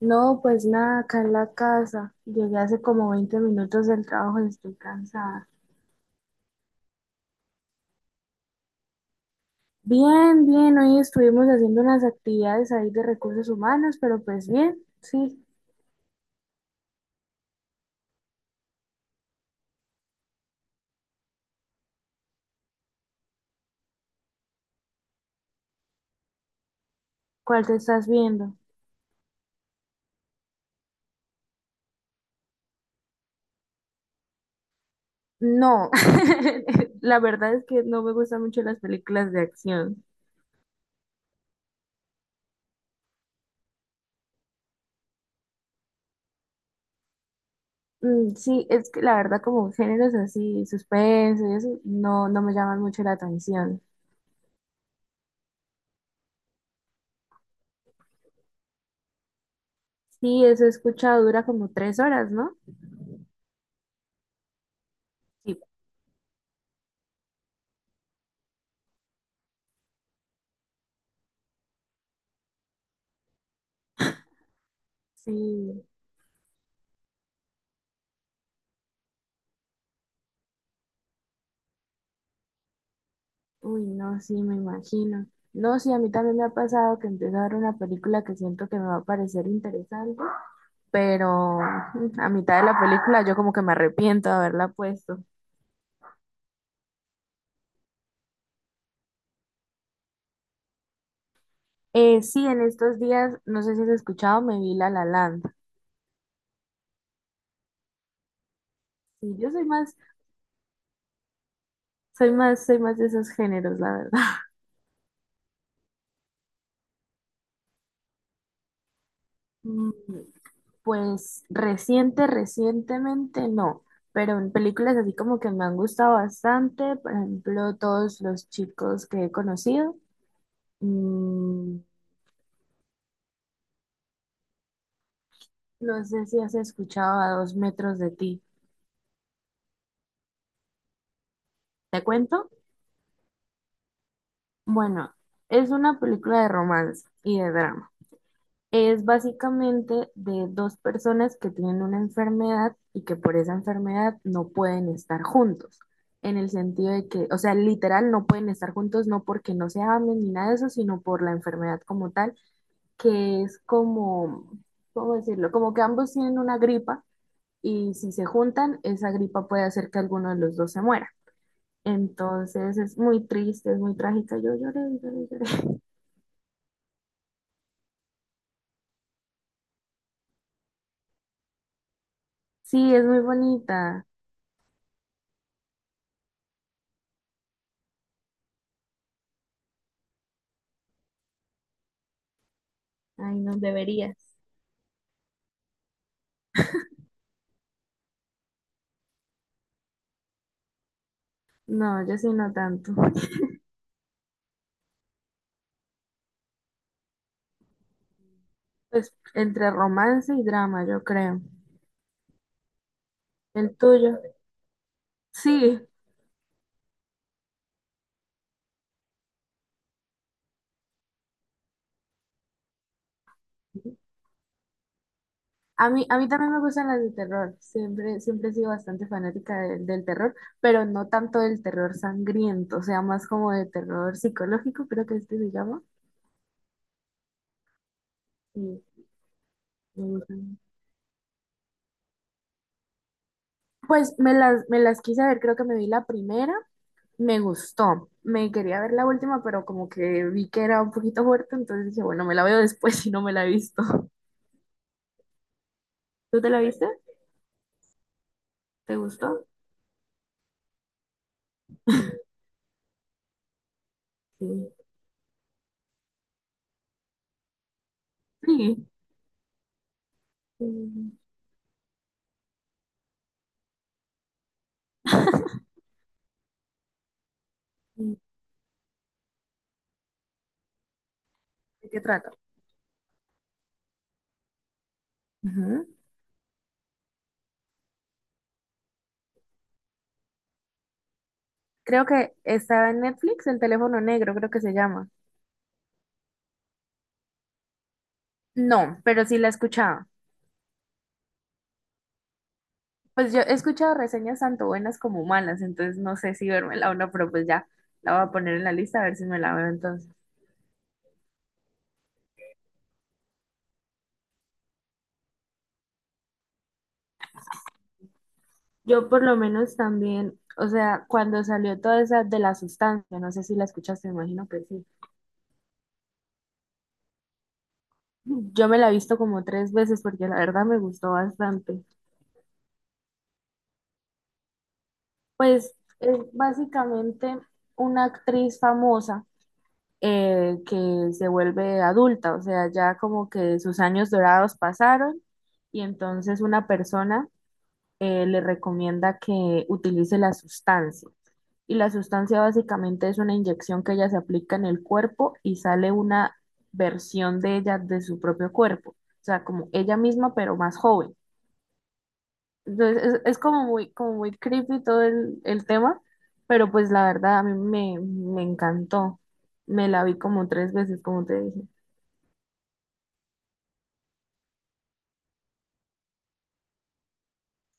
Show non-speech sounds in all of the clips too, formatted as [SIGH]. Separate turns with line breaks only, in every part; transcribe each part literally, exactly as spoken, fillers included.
No, pues nada, acá en la casa. Llegué hace como veinte minutos del trabajo y estoy cansada. Bien, bien, hoy estuvimos haciendo unas actividades ahí de recursos humanos, pero pues bien, sí. ¿Cuál te estás viendo? No, [LAUGHS] la verdad es que no me gustan mucho las películas de acción. Mm, sí, es que la verdad como géneros así, suspenso y eso, no, no me llaman mucho la atención. Sí, eso he escuchado, dura como tres horas, ¿no? Sí. Sí. Uy, no, sí, me imagino. No, sí, a mí también me ha pasado que empiezo a ver una película que siento que me va a parecer interesante, pero mm, a mitad de la película yo como que me arrepiento de haberla puesto. Eh, sí, en estos días, no sé si has escuchado, me vi La La Land. Sí, yo soy más, soy más, soy más de esos géneros, la verdad. [LAUGHS] Mm, pues reciente, recientemente no, pero en películas así como que me han gustado bastante, por ejemplo, todos los chicos que he conocido. Mm, no sé si has escuchado a dos metros de ti. ¿Te cuento? Bueno, es una película de romance y de drama. Es básicamente de dos personas que tienen una enfermedad y que por esa enfermedad no pueden estar juntos. En el sentido de que, o sea, literal no pueden estar juntos, no porque no se amen ni nada de eso, sino por la enfermedad como tal, que es como, ¿cómo decirlo? Como que ambos tienen una gripa y si se juntan, esa gripa puede hacer que alguno de los dos se muera. Entonces es muy triste, es muy trágica. Yo lloré, lloré, lloré. [LAUGHS] Sí, es muy bonita. Ay, no deberías. No, yo sí no tanto. Pues entre romance y drama, yo creo. El tuyo. Sí, a mí, a mí también me gustan las de terror. Siempre, siempre he sido bastante fanática de- del terror, pero no tanto del terror sangriento, o sea, más como de terror psicológico, creo que este se llama. Sí, me gustan. Pues me las, me las quise ver, creo que me vi la primera, me gustó. Me quería ver la última, pero como que vi que era un poquito fuerte, entonces dije, bueno, me la veo después [LAUGHS] si no me la he visto. [LAUGHS] ¿Tú te la viste? ¿Te gustó? Sí. Sí. Mm, mm. ¿De qué trata? Ujú. Creo que estaba en Netflix, El teléfono negro, creo que se llama. No, pero sí la escuchaba. Pues yo he escuchado reseñas tanto buenas como malas, entonces no sé si vérmela o no, pero pues ya la voy a poner en la lista a ver si me la veo entonces. Yo por lo menos también, o sea, cuando salió toda esa de la sustancia, no sé si la escuchaste, me imagino que sí. Yo me la he visto como tres veces porque la verdad me gustó bastante. Pues es básicamente una actriz famosa eh, que se vuelve adulta, o sea, ya como que sus años dorados pasaron y entonces una persona eh, le recomienda que utilice la sustancia. Y la sustancia básicamente es una inyección que ella se aplica en el cuerpo y sale una versión de ella de su propio cuerpo, o sea, como ella misma pero más joven. Entonces es, es como muy, como muy creepy todo el, el tema, pero pues la verdad a mí me, me encantó. Me la vi como tres veces, como te dije.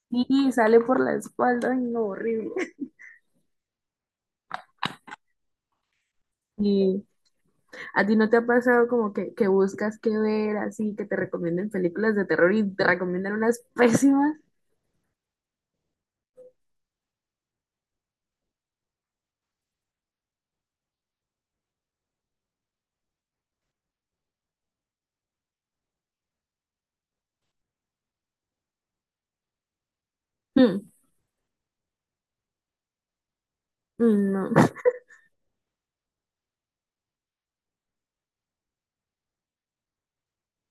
Y sale por la espalda, ay no, horrible. [LAUGHS] Y a ti no te ha pasado como que, que buscas qué ver así, que te recomienden películas de terror y te recomiendan unas pésimas. Mm. Mm. No,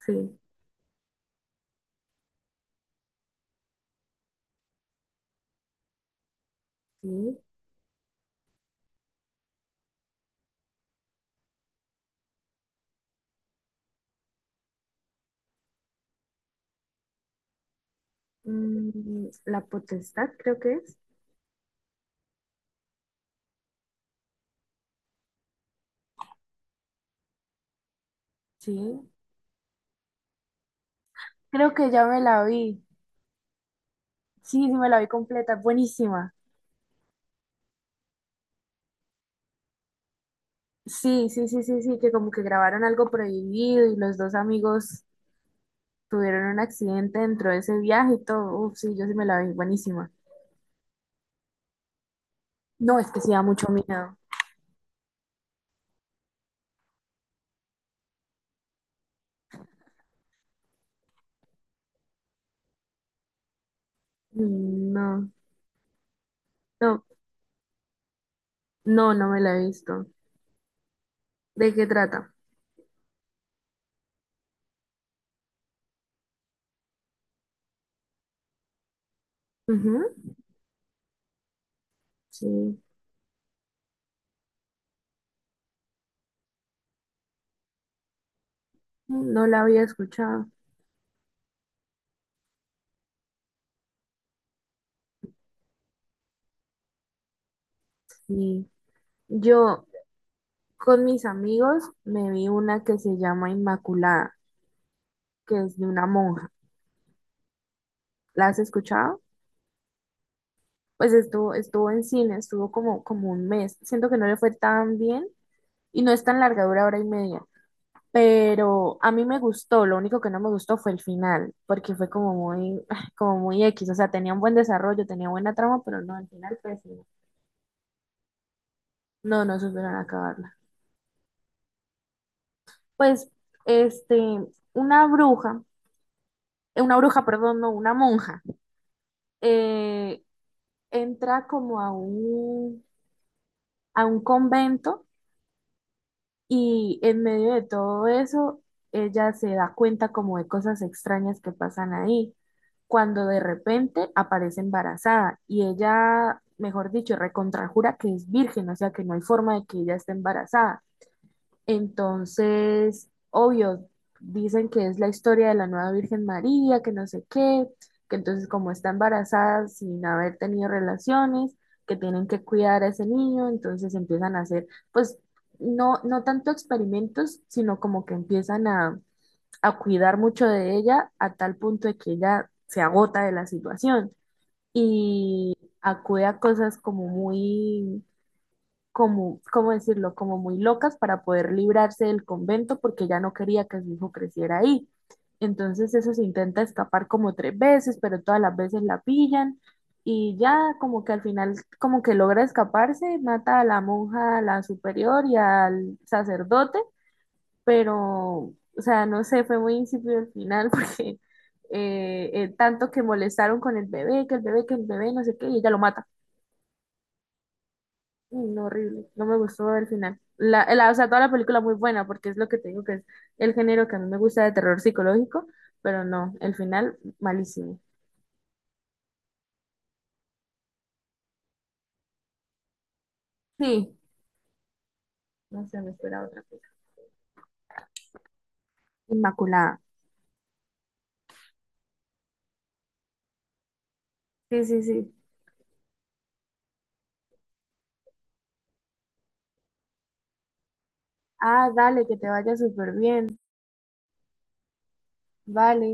[LAUGHS] sí, sí. Mm, la potestad creo que es. Sí. Creo que ya me la vi. Sí, sí me la vi completa. Buenísima. Sí, sí, sí, sí, sí, que como que grabaron algo prohibido y los dos amigos tuvieron un accidente dentro de ese viaje y todo. Uf, sí, yo sí me la vi. Buenísima. No, es que sí da mucho miedo. Mm, No, no, no, no me la he visto. ¿De qué trata? Ujú. Sí, no la había escuchado. Sí. Yo, con mis amigos me vi una que se llama Inmaculada, que es de una monja. ¿La has escuchado? Pues estuvo, estuvo en cine, estuvo como, como un mes. Siento que no le fue tan bien y no es tan larga, dura hora y media. Pero a mí me gustó, lo único que no me gustó fue el final, porque fue como muy, [LAUGHS] [SIGHS] como muy X, o sea, tenía un buen desarrollo, tenía buena trama, pero no, al final pésimo. No, no supieron acabarla. Pues, este, una bruja, eh, una bruja, perdón, no, una monja, eh, entra como a un, a un convento y en medio de todo eso, ella se da cuenta como de cosas extrañas que pasan ahí, cuando de repente aparece embarazada y ella, mejor dicho, recontrajura que es virgen, o sea que no hay forma de que ella esté embarazada. Entonces, obvio, dicen que es la historia de la nueva Virgen María, que no sé qué, que entonces como está embarazada sin haber tenido relaciones, que tienen que cuidar a ese niño, entonces empiezan a hacer, pues, no, no tanto experimentos, sino como que empiezan a, a cuidar mucho de ella a tal punto de que ella se agota de la situación y acude a cosas como muy como, ¿cómo decirlo? Como muy locas para poder librarse del convento porque ella no quería que su hijo creciera ahí. Entonces eso se intenta escapar como tres veces, pero todas las veces la pillan y ya como que al final como que logra escaparse, mata a la monja, a la superior y al sacerdote, pero o sea, no sé, fue muy insípido el final [LAUGHS] porque eh, eh, tanto que molestaron con el bebé, que el bebé, que el bebé, no sé qué, y ella lo mata. Uy, no, horrible. No me gustó el final. La, la- o sea, toda la película muy buena, porque es lo que te digo que es el género que a mí me gusta de terror psicológico, pero no, el final malísimo. Sí, no sé, me espera otra cosa. Inmaculada. Sí, sí, sí. Ah, dale, que te vaya súper bien. Vale.